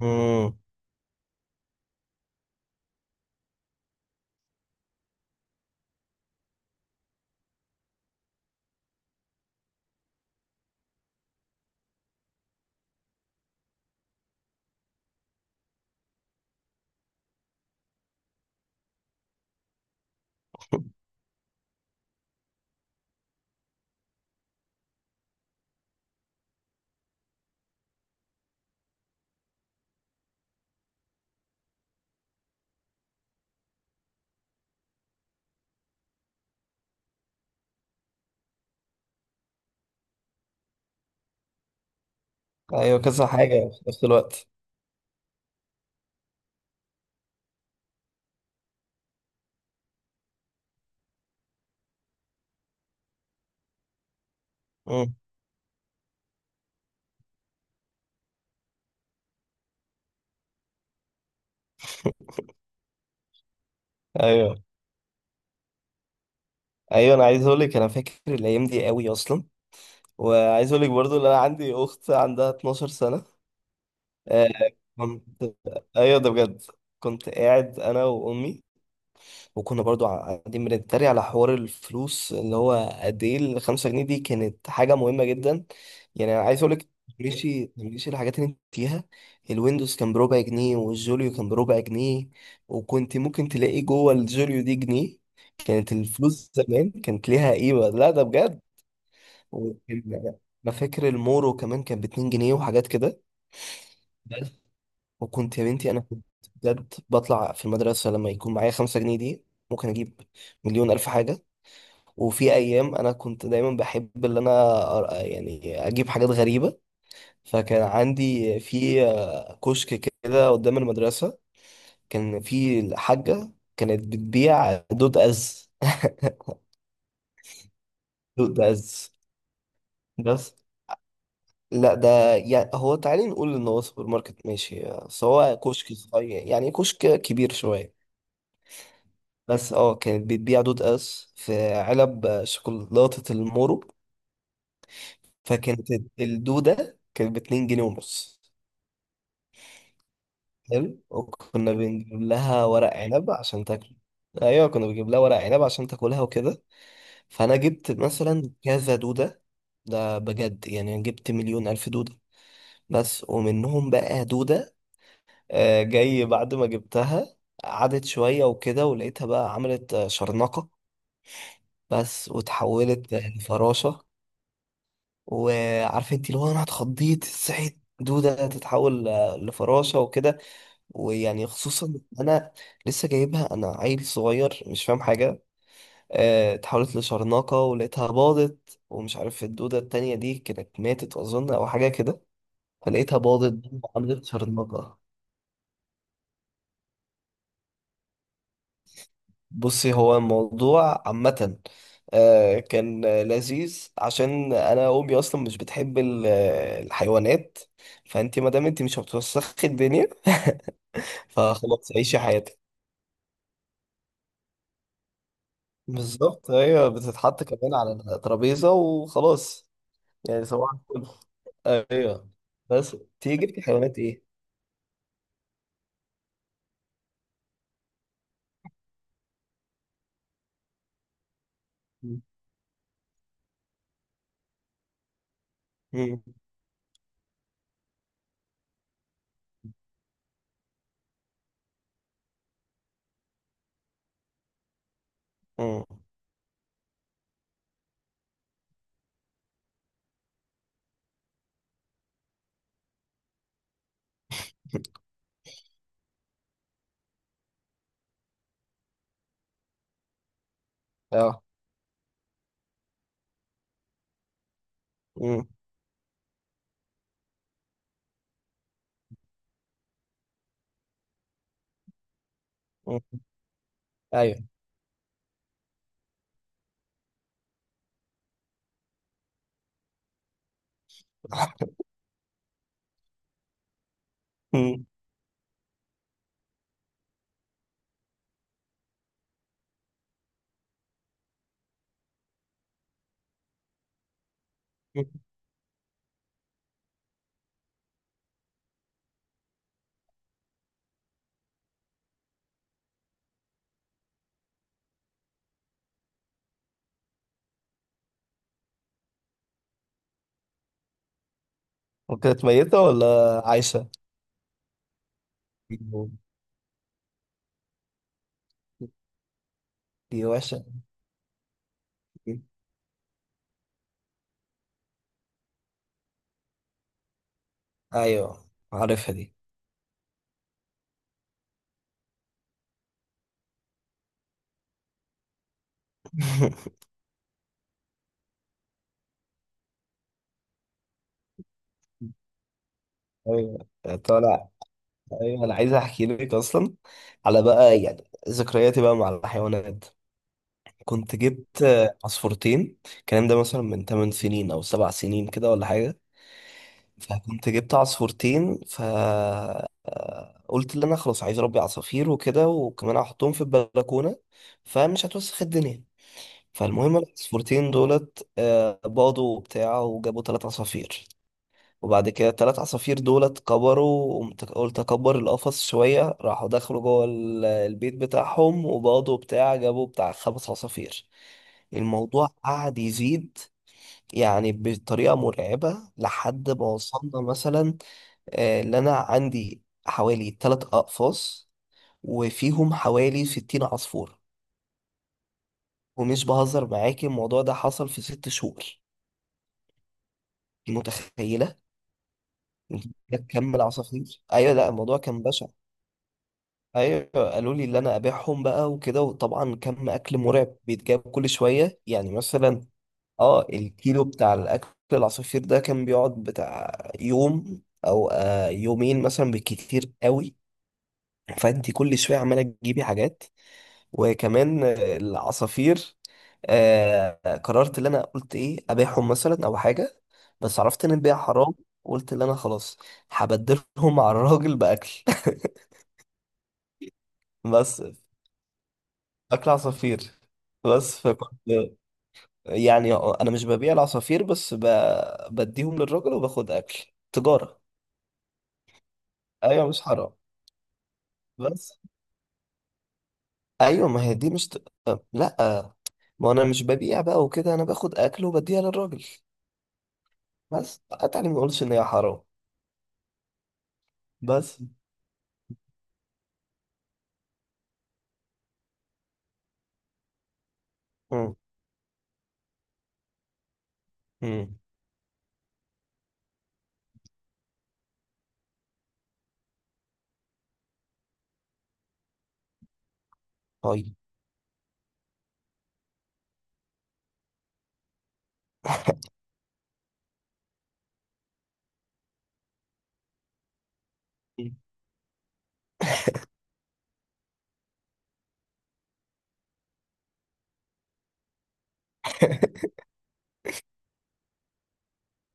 امم. ايوه، كذا حاجه في نفس الوقت. امم. ايوه، ايوه، انا عايز اقول لك انا فاكر الايام دي قوي اصلا. وعايز اقول لك برضو ان انا عندي اخت عندها 12 سنه. آه. كنت ايوه، ده بجد. كنت قاعد انا وامي، وكنا برضو قاعدين بنتريق على حوار الفلوس اللي هو قد ايه الخمسة جنيه دي كانت حاجة مهمة جدا. يعني انا عايز اقولك. ماشي ماشي، الحاجات اللي انت فيها الويندوز كان بربع جنيه والجوليو كان بربع جنيه، وكنت ممكن تلاقي جوه الجوليو دي جنيه. كانت الفلوس زمان كانت ليها قيمة. لا، ده بجد. وكان- ما فاكر المورو كمان كان ب2 جنيه وحاجات كده بس. يا بنتي، انا كنت بجد بطلع في المدرسة لما يكون معايا 5 جنيه دي ممكن اجيب مليون ألف حاجة. وفي ايام انا كنت دايما بحب اللي انا يعني اجيب حاجات غريبه. فكان عندي في كشك كده قدام المدرسه، كان في الحاجه كانت بتبيع دود از. دود از. بس. لا، ده يعني هو تعالي نقول ان هو سوبر ماركت، ماشي، بس هو كشك صغير، يعني كشك كبير شويه. بس اه، كانت بتبيع دود از في علب شوكولاته المورو. فكانت الدوده كانت ب 2 جنيه ونص. حلو. وكنا بنجيب لها ورق عنب عشان تاكل. ايوه، كنا بنجيب لها ورق عنب عشان تاكلها وكده. فانا جبت مثلا كذا دوده، ده بجد يعني جبت مليون الف دوده. بس، ومنهم بقى دوده جاي بعد ما جبتها قعدت شويه وكده، ولقيتها بقى عملت شرنقه. بس، وتحولت لفراشه. وعارف انت اللي هو انا اتخضيت صحيت دوده تتحول لفراشه وكده. ويعني خصوصا انا لسه جايبها، انا عيل صغير مش فاهم حاجه. اتحولت لشرناقه ولقيتها باضت، ومش عارف الدوده التانية دي كانت ماتت اظن او حاجه كده. فلقيتها باضت عملت شرناقه. بصي، هو الموضوع عامه كان لذيذ عشان انا امي اصلا مش بتحب الحيوانات. فانت ما دام انت مش هتوسخي الدنيا، فخلاص عيشي حياتك. بالظبط، هي بتتحط كمان على الترابيزه وخلاص. يعني صباح الفل. ايوه. بس تيجي في حيوانات ايه؟ مم. مم. مم. اه. مم. مم. ايوه. مم. مم. وكانت ميتة ولا عايشة؟ مم. دي وحشة. مم. ايوه، عارفها دي. ايوه. طالع. ايوه، انا عايز احكي لك اصلا على بقى يعني ذكرياتي بقى مع الحيوانات. كنت جبت عصفورتين الكلام ده مثلا من 8 سنين او 7 سنين كده ولا حاجة. فكنت جبت عصفورتين، فقلت اللي انا خلاص عايز اربي عصافير وكده، وكمان هحطهم في البلكونه فمش هتوسخ الدنيا. فالمهم العصفورتين دولت باضوا وبتاع وجابوا 3 عصافير. وبعد كده الثلاث عصافير دولت كبروا. قلت اكبر القفص شويه، راحوا دخلوا جوه البيت بتاعهم وباضوا وبتاع جابوا بتاع 5 عصافير. الموضوع قعد يزيد يعني بطريقة مرعبة، لحد ما وصلنا مثلا اللي أنا عندي حوالي 3 أقفاص وفيهم حوالي 60 عصفور. ومش بهزر معاكي، الموضوع ده حصل في 6 شهور. انت متخيلة؟ انت تكمل عصافير؟ أيوة، لا الموضوع كان بشع. أيوة، قالوا لي اللي أنا أبيعهم بقى وكده، وطبعا كم أكل مرعب بيتجاب كل شوية، يعني مثلا اه الكيلو بتاع الأكل العصافير ده كان بيقعد بتاع يوم أو يومين مثلا بالكتير قوي. فأنت كل شوية عمالة تجيبي حاجات، وكمان العصافير. قررت اللي انا قلت ايه ابيعهم مثلا او حاجه، بس عرفت ان البيع حرام. قلت اللي انا خلاص هبدلهم على الراجل باكل. بس اكل عصافير. بس فكنت يعني انا مش ببيع العصافير، بس بديهم للراجل وباخد اكل. تجاره. ايوه، مش حرام. بس ايوه، ما هي دي مش لا ما انا مش ببيع بقى وكده، انا باخد اكل وبديها للراجل. بس تعالى ما اقولش ان هي حرام. بس. مم. مم. طيب.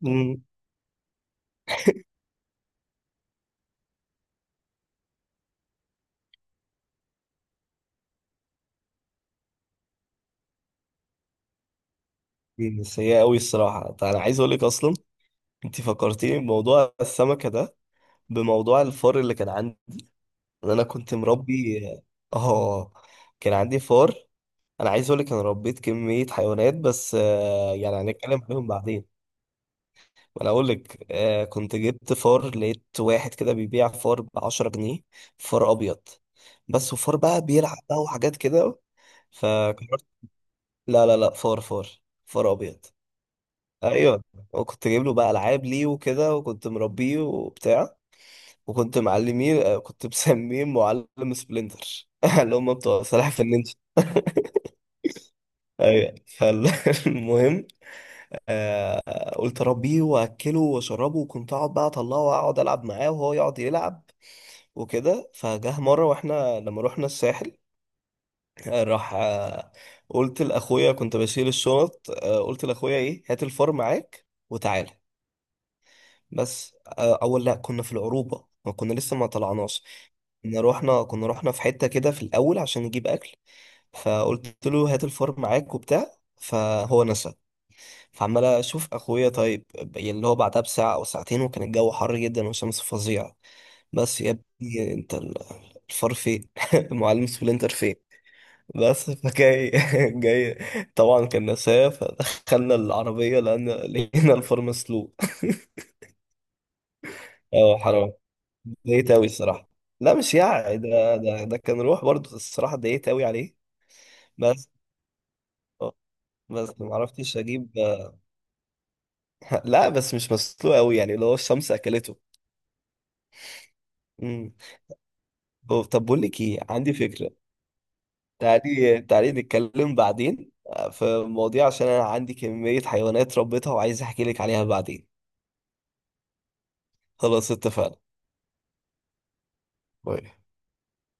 مم. دي سيئة أوي الصراحة. طيب، أنا عايز أقولك أصلا أنت فكرتيني بموضوع السمكة ده، بموضوع الفار اللي كان عندي، إن أنا كنت مربي. آه، كان عندي فار. أنا عايز أقولك أنا ربيت كمية حيوانات، بس يعني هنتكلم عليهم بعدين. أنا أقولك كنت جبت فار، لقيت واحد كده بيبيع فار ب10 جنيه، فار أبيض بس، وفار بقى بيلعب بقى وحاجات كده. ف لا لا لا، فار فار. فار ابيض. ايوه. وكنت جايب له بقى العاب ليه وكده، وكنت مربيه وبتاع. وكنت معلميه كنت مسميه معلم سبلنتر، اللي هم بتوع سلاحف في النينجا. ايوه، فالمهم قلت اربيه واكله واشربه، وكنت اقعد بقى اطلعه واقعد العب معاه وهو يقعد يلعب وكده. فجه مره واحنا لما رحنا الساحل، آه، راح آه قلت لاخويا كنت بشيل الشنط، قلت لاخويا ايه هات الفار معاك وتعالى. بس اول لا كنا في العروبه ما كنا لسه ما طلعناش، كنا رحنا في حته كده في الاول عشان نجيب اكل. فقلت له هات الفار معاك وبتاع فهو نسى. فعمال اشوف اخويا طيب، يعني اللي هو بعدها بساعه او ساعتين، وكان الجو حر جدا والشمس فظيعه. بس يا ابني انت الفار فين؟ المعلم سبلنتر فين؟ بس فجاي جاي. طبعا كان نساه، فدخلنا العربيه لان لقينا الفار مسلوق. اه حرام. اتضايقت أوي الصراحة. لا، مش يعني، ده كان روح برضه، الصراحة اتضايقت أوي عليه. بس آه، بس ما عرفتش أجيب. لا بس مش مسلوق أوي، يعني اللي هو الشمس أكلته. امم. طب بقول لك إيه، عندي فكرة. تعالي تعالي نتكلم بعدين في المواضيع عشان أنا عندي كمية حيوانات ربيتها وعايز أحكي لك عليها بعدين. خلاص اتفقنا. باي.